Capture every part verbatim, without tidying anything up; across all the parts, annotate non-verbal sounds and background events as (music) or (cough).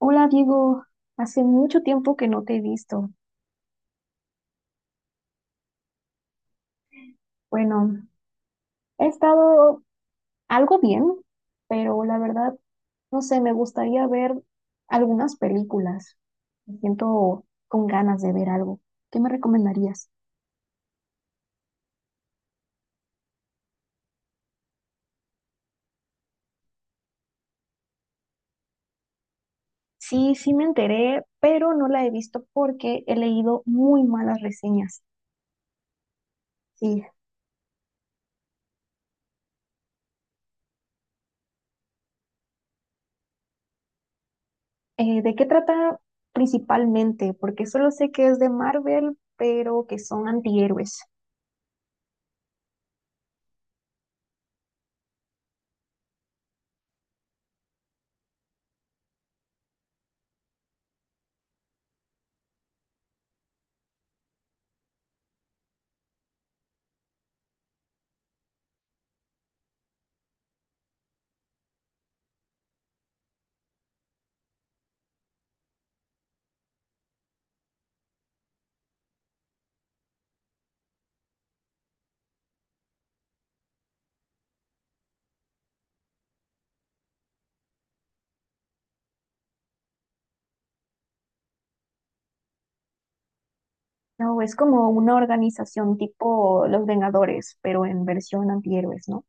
Hola Diego, hace mucho tiempo que no te he visto. Bueno, he estado algo bien, pero la verdad, no sé, me gustaría ver algunas películas. Me siento con ganas de ver algo. ¿Qué me recomendarías? Sí, sí me enteré, pero no la he visto porque he leído muy malas reseñas. Sí. Eh, ¿de qué trata principalmente? Porque solo sé que es de Marvel, pero que son antihéroes. No, es como una organización tipo Los Vengadores, pero en versión antihéroes, ¿no?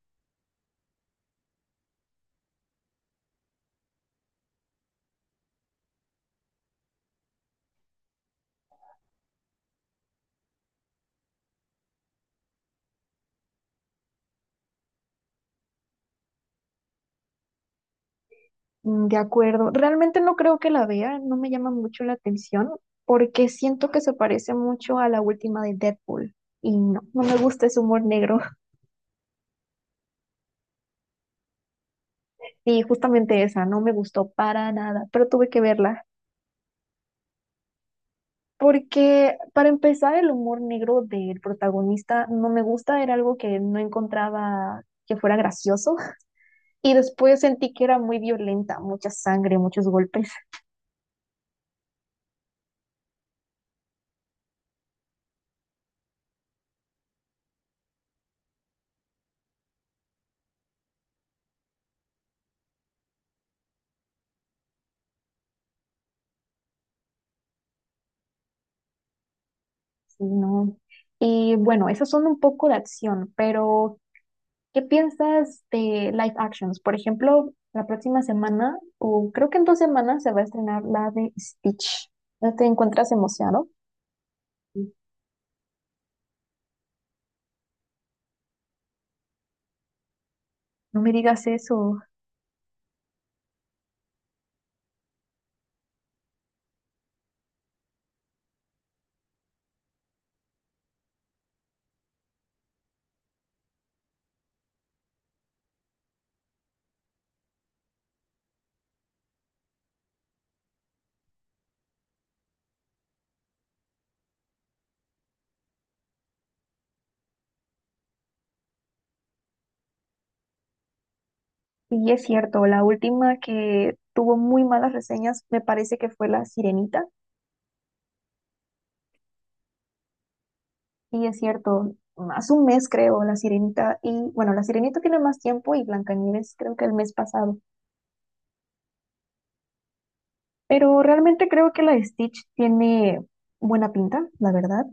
Mm, de acuerdo. Realmente no creo que la vea, no me llama mucho la atención, porque siento que se parece mucho a la última de Deadpool. Y no, no me gusta ese humor negro. (laughs) Y justamente esa, no me gustó para nada, pero tuve que verla. Porque para empezar, el humor negro del protagonista no me gusta, era algo que no encontraba que fuera gracioso. (laughs) Y después sentí que era muy violenta, mucha sangre, muchos golpes. Sí, no. Y bueno, esas son un poco de acción, pero ¿qué piensas de live actions? Por ejemplo, la próxima semana, o creo que en dos semanas, se va a estrenar la de Stitch. ¿No te encuentras emocionado? Sí. No me digas eso. Y es cierto, la última que tuvo muy malas reseñas me parece que fue La Sirenita. Y es cierto, hace un mes creo, La Sirenita, y bueno, La Sirenita tiene más tiempo y Blancanieves creo que el mes pasado. Pero realmente creo que la de Stitch tiene buena pinta, la verdad.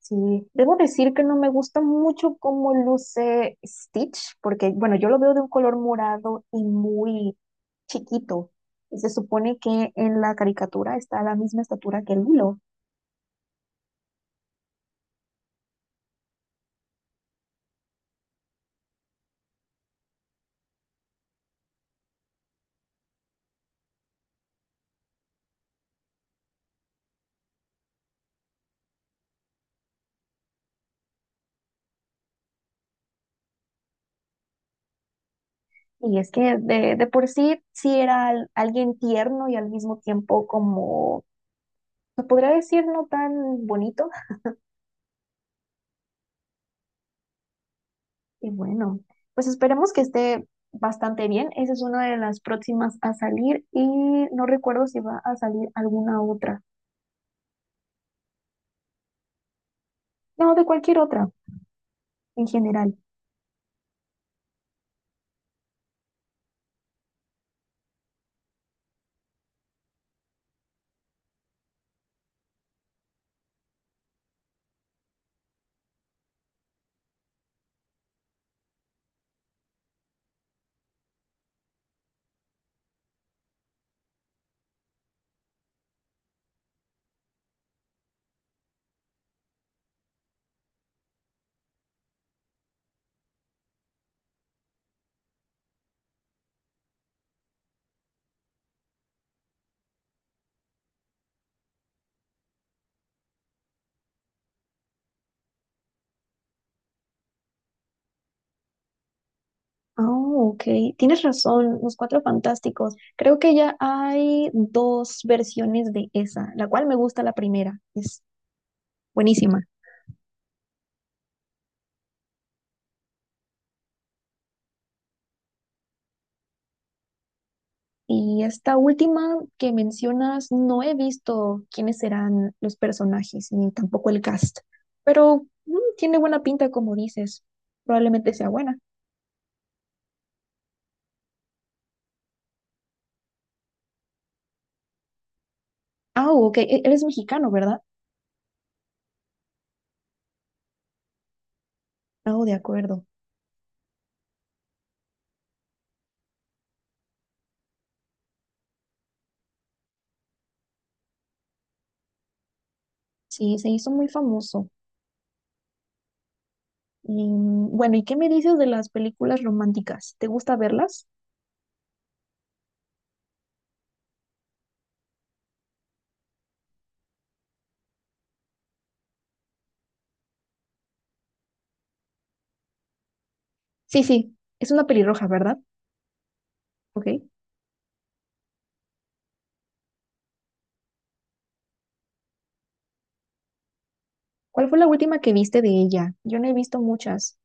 Sí, debo decir que no me gusta mucho cómo luce Stitch, porque, bueno, yo lo veo de un color morado y muy chiquito. Y se supone que en la caricatura está a la misma estatura que el Lilo. Y es que de, de por sí, sí era al- alguien tierno y al mismo tiempo como, se podría decir, no tan bonito. Y bueno, pues esperemos que esté bastante bien. Esa es una de las próximas a salir y no recuerdo si va a salir alguna otra. No, de cualquier otra en general. Ah, ok. Tienes razón, Los Cuatro Fantásticos. Creo que ya hay dos versiones de esa, la cual me gusta la primera. Es buenísima. Y esta última que mencionas, no he visto quiénes serán los personajes, ni tampoco el cast, pero mm, tiene buena pinta, como dices. Probablemente sea buena. Ah, ok, e- eres mexicano, ¿verdad? Ah, de acuerdo. Sí, se hizo muy famoso. Y, mm, bueno, ¿y qué me dices de las películas románticas? ¿Te gusta verlas? Sí, sí, es una pelirroja, ¿verdad? Ok. ¿Cuál fue la última que viste de ella? Yo no he visto muchas.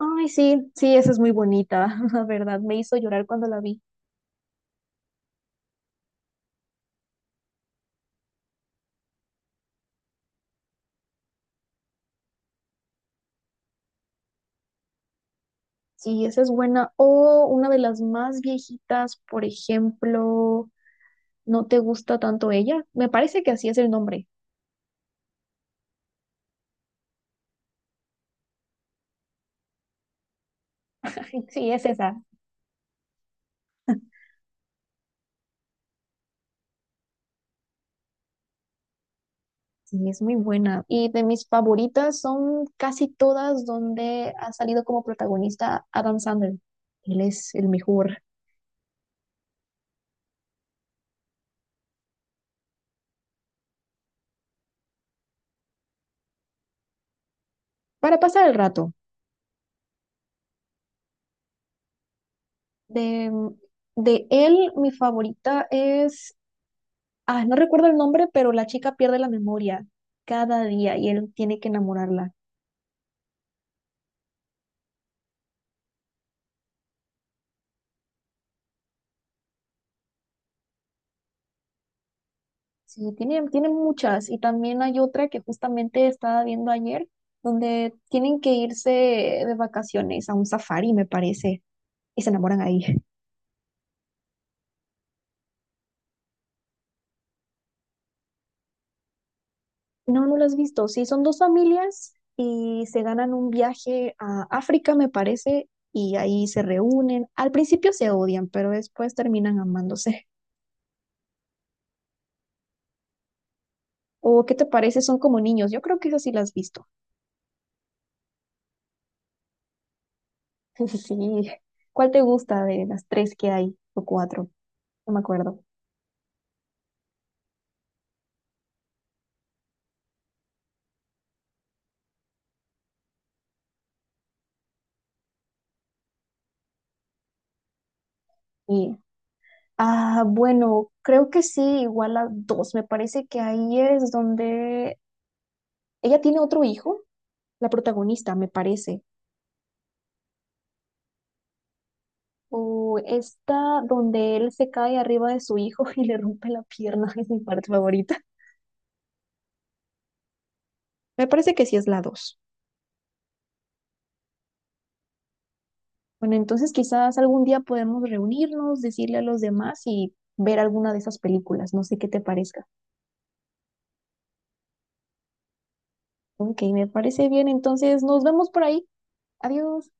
Ay, sí, sí, esa es muy bonita, (laughs) la verdad. Me hizo llorar cuando la vi. Sí, esa es buena. O una de las más viejitas, por ejemplo, ¿no te gusta tanto ella? Me parece que así es el nombre. (laughs) Sí, es esa. Sí, es muy buena. Y de mis favoritas son casi todas donde ha salido como protagonista Adam Sandler. Él es el mejor. Para pasar el rato, de, de él mi favorita es, ah, no recuerdo el nombre, pero la chica pierde la memoria cada día y él tiene que enamorarla. Sí, tienen, tienen muchas y también hay otra que justamente estaba viendo ayer, donde tienen que irse de vacaciones a un safari, me parece, y se enamoran ahí. No, no lo has visto. Sí, son dos familias y se ganan un viaje a África, me parece, y ahí se reúnen. Al principio se odian, pero después terminan amándose. ¿O qué te parece? Son como niños. Yo creo que esas sí las has visto. (laughs) Sí. ¿Cuál te gusta de las tres que hay o cuatro? No me acuerdo. Y ah, bueno, creo que sí, igual a dos. Me parece que ahí es donde ella tiene otro hijo, la protagonista, me parece. O esta donde él se cae arriba de su hijo (laughs) y le rompe la pierna, (laughs) es mi parte favorita. Me parece que sí es la dos. Bueno, entonces quizás algún día podemos reunirnos, decirle a los demás y ver alguna de esas películas. No sé qué te parezca. Ok, me parece bien. Entonces nos vemos por ahí. Adiós.